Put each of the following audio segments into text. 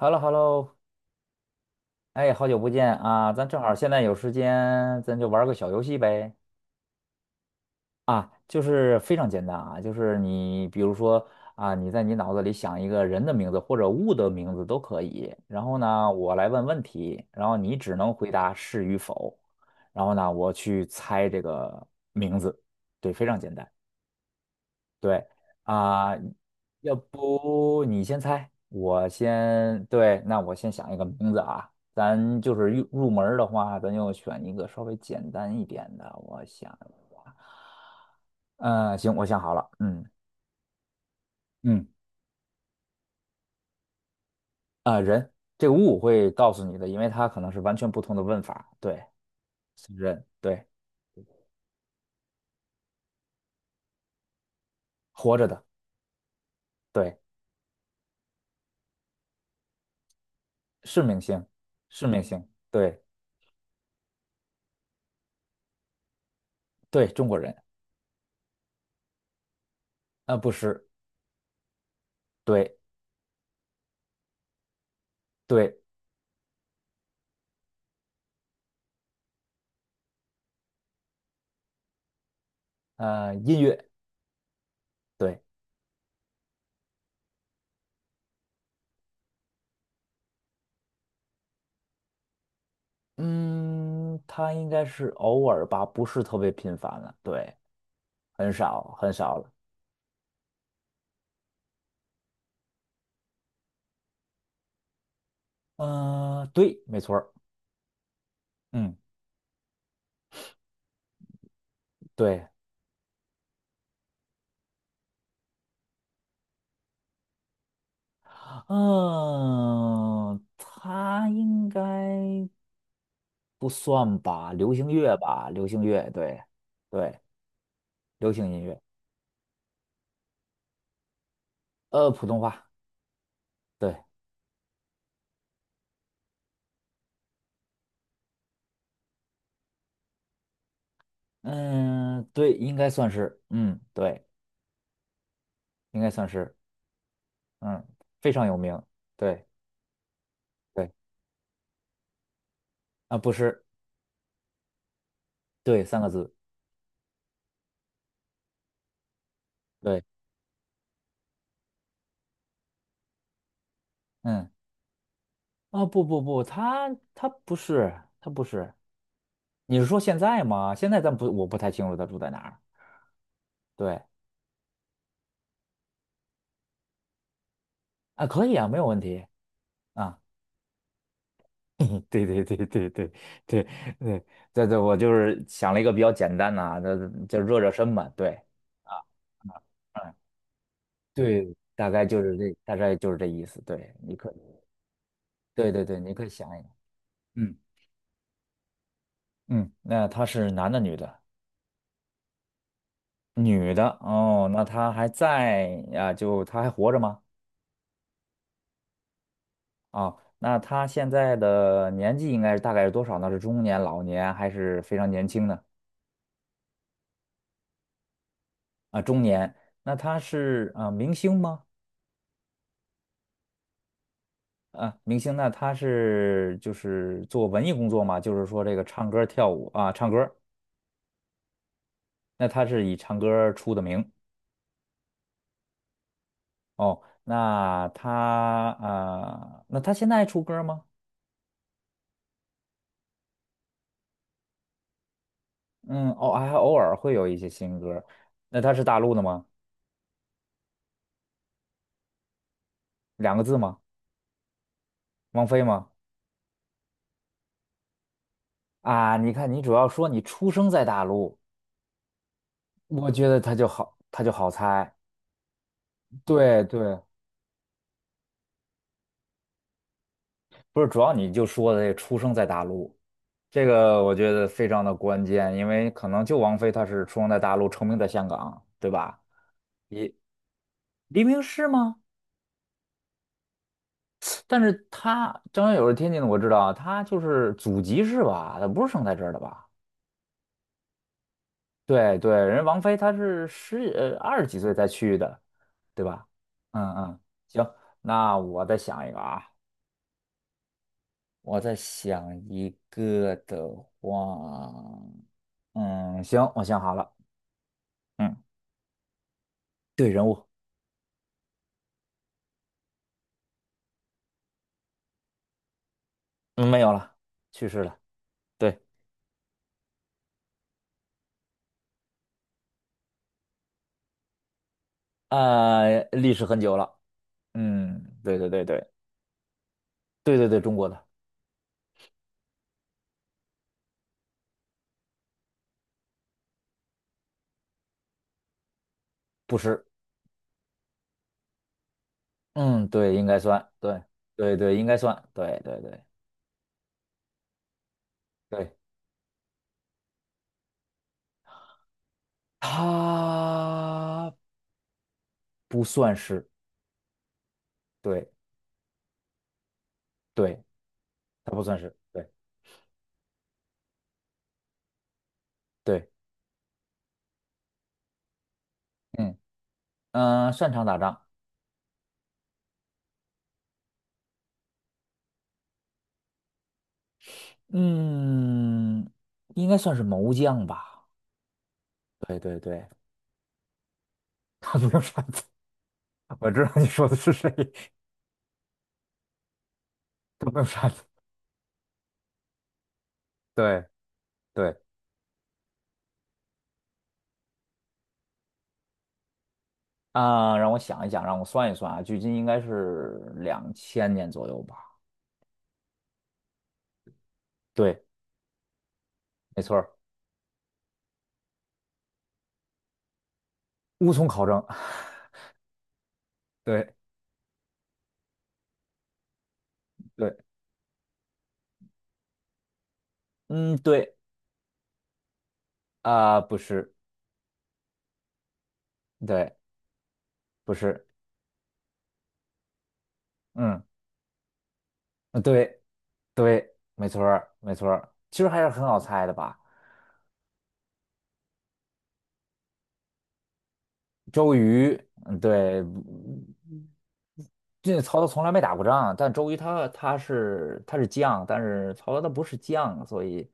Hello，Hello，哎，好久不见啊！咱正好现在有时间，咱就玩个小游戏呗。啊，就是非常简单啊，就是你比如说啊，你在你脑子里想一个人的名字或者物的名字都可以，然后呢，我来问问题，然后你只能回答是与否，然后呢，我去猜这个名字。对，非常简单。对啊，要不你先猜，我先，对，那我先想一个名字啊。咱就是入门儿的话，咱就选一个稍微简单一点的。我想一下。嗯，行，我想好了。嗯嗯，这个物我会告诉你的，因为它可能是完全不同的问法。对，是人，对，活着的，对，是明星，是明星，对对，中国人，啊、不是，对对，音乐，对。嗯，他应该是偶尔吧，不是特别频繁了。对，很少很少了。对，没错儿，嗯，对，嗯，他应该不算吧，流行乐吧，流行乐，对，对，流行音乐，普通话，对，嗯，对，应该算是，嗯，对，应该算是，嗯，非常有名，对，对，啊，不是，对，三个字，对，嗯。哦，不不不，他不是，他不是。你是说现在吗？现在咱不，我不太清楚他住在哪儿。对啊，可以啊，没有问题啊。对对对对对对对对对，我就是想了一个比较简单的啊，就热热身嘛。对啊，嗯，对，大概就是这，大概就是这意思。对，你可，对对对，你可以想一想。嗯嗯，那他是男的女的？女的哦，那他还在啊？就他还活着吗？啊，那他现在的年纪应该是大概是多少呢？是中年、老年还是非常年轻呢？啊，中年。那他是啊、明星吗？啊，明星，那他是就是做文艺工作嘛？就是说这个唱歌、跳舞啊，唱歌。那他是以唱歌出的名。哦。那他啊、那他现在还出歌吗？嗯，哦，还偶尔会有一些新歌。那他是大陆的吗？两个字吗？王菲吗？啊，你看，你主要说你出生在大陆。我觉得他就好，他就好猜。对对，不是，主要你就说的这出生在大陆，这个我觉得非常的关键，因为可能就王菲她是出生在大陆，成名在香港，对吧？也黎明是吗？但是她张学友是天津的，我知道，她就是祖籍是吧？她不是生在这儿的吧？对对，人王菲她是十二十几岁才去的，对吧？嗯嗯，行，那我再想一个啊。我在想一个的话，嗯，行，我想好了，嗯，对，人物，嗯，没有了，去世了，对，历史很久了，嗯，对对对对对对对，中国的，不是，嗯，对，应该算，对对对，应该算，对对对对，他不算是，对对，他不算是，对对，嗯嗯、擅长打仗，嗯，应该算是谋将吧。对对对，他没有杀子。我知道你说的是谁，他没有杀子。对对，啊、让我想一想，让我算一算啊，距今应该是2000年左右吧。对，没错儿，无从考证。对对，嗯，对啊、不是，对，不是，嗯，对对，没错儿没错儿，其实还是很好猜的吧。周瑜，嗯，对，这曹操从来没打过仗，但周瑜他是他是将，但是曹操他不是将，所以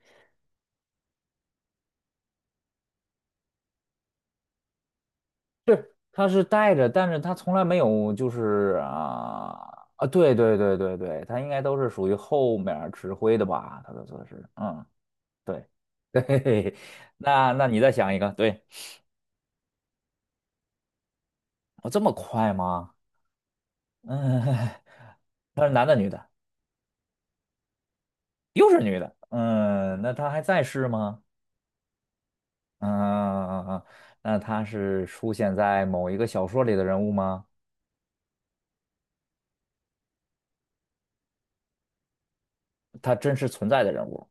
他是带着，但是他从来没有就是啊啊，对对对对对，他应该都是属于后面儿指挥的吧，他的说是，嗯，对。 对，那那你再想一个，对。我这么快吗？嗯。他是男的女的，又是女的，嗯，那他还在世吗？嗯嗯嗯，嗯，那他是出现在某一个小说里的人物吗？他真实存在的人物。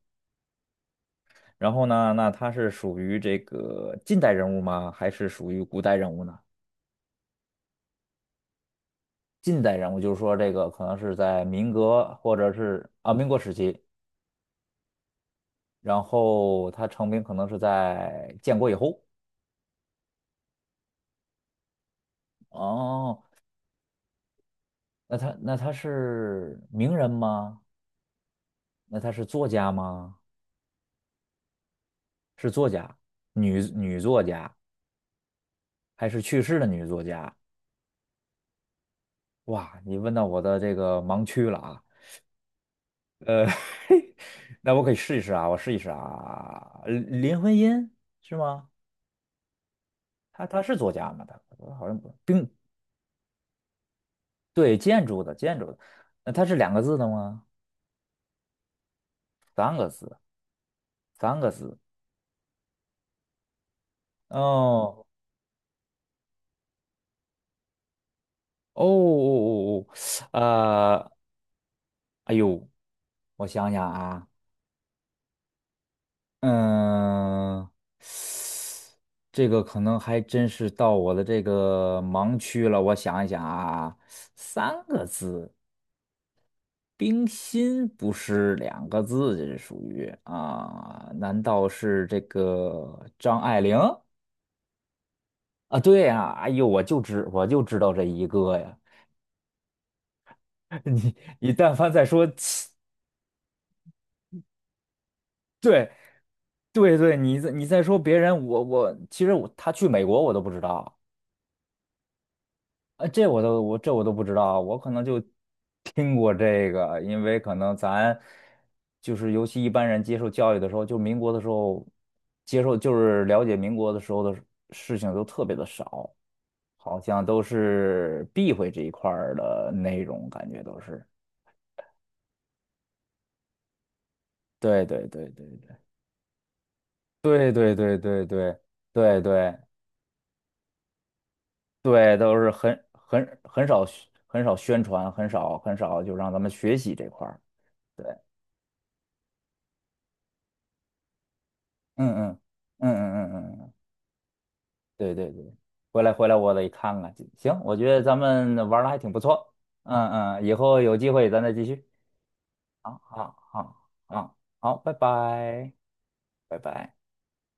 然后呢，那他是属于这个近代人物吗？还是属于古代人物呢？近代人物就是说，这个可能是在民国或者是啊民国时期，然后他成名可能是在建国以后。哦，那他那他是名人吗？那他是作家吗？是作家，女女作家还是去世的女作家？哇，你问到我的这个盲区了啊，呃，那我可以试一试啊，我试一试啊。林徽因是吗？她是作家吗？她我好像不，并对建筑的建筑的，那它是两个字的吗？三个字，三个字。哦哦哦哦哦，哦，哎呦，我想想啊，嗯，这个可能还真是到我的这个盲区了。我想一想啊，三个字，冰心不是两个字，这是属于啊？难道是这个张爱玲啊？对呀，哎呦，我就知道这一个呀。你你但凡再说其对对对，你再你再说别人，我其实我他去美国我都不知道。啊，这我都我这我都不知道，我可能就听过这个，因为可能咱就是尤其一般人接受教育的时候，就民国的时候接受就是了解民国的时候的事情都特别的少，好像都是避讳这一块儿的内容，感觉都是。对对对对对对对对对对对对对，都是很少宣很少宣传，很少很少就让咱们学习这块儿。嗯嗯嗯嗯嗯嗯，嗯对对对，回来回来我得看看。行，我觉得咱们玩的还挺不错。嗯嗯，以后有机会咱再继续。好好好好好，拜拜拜拜。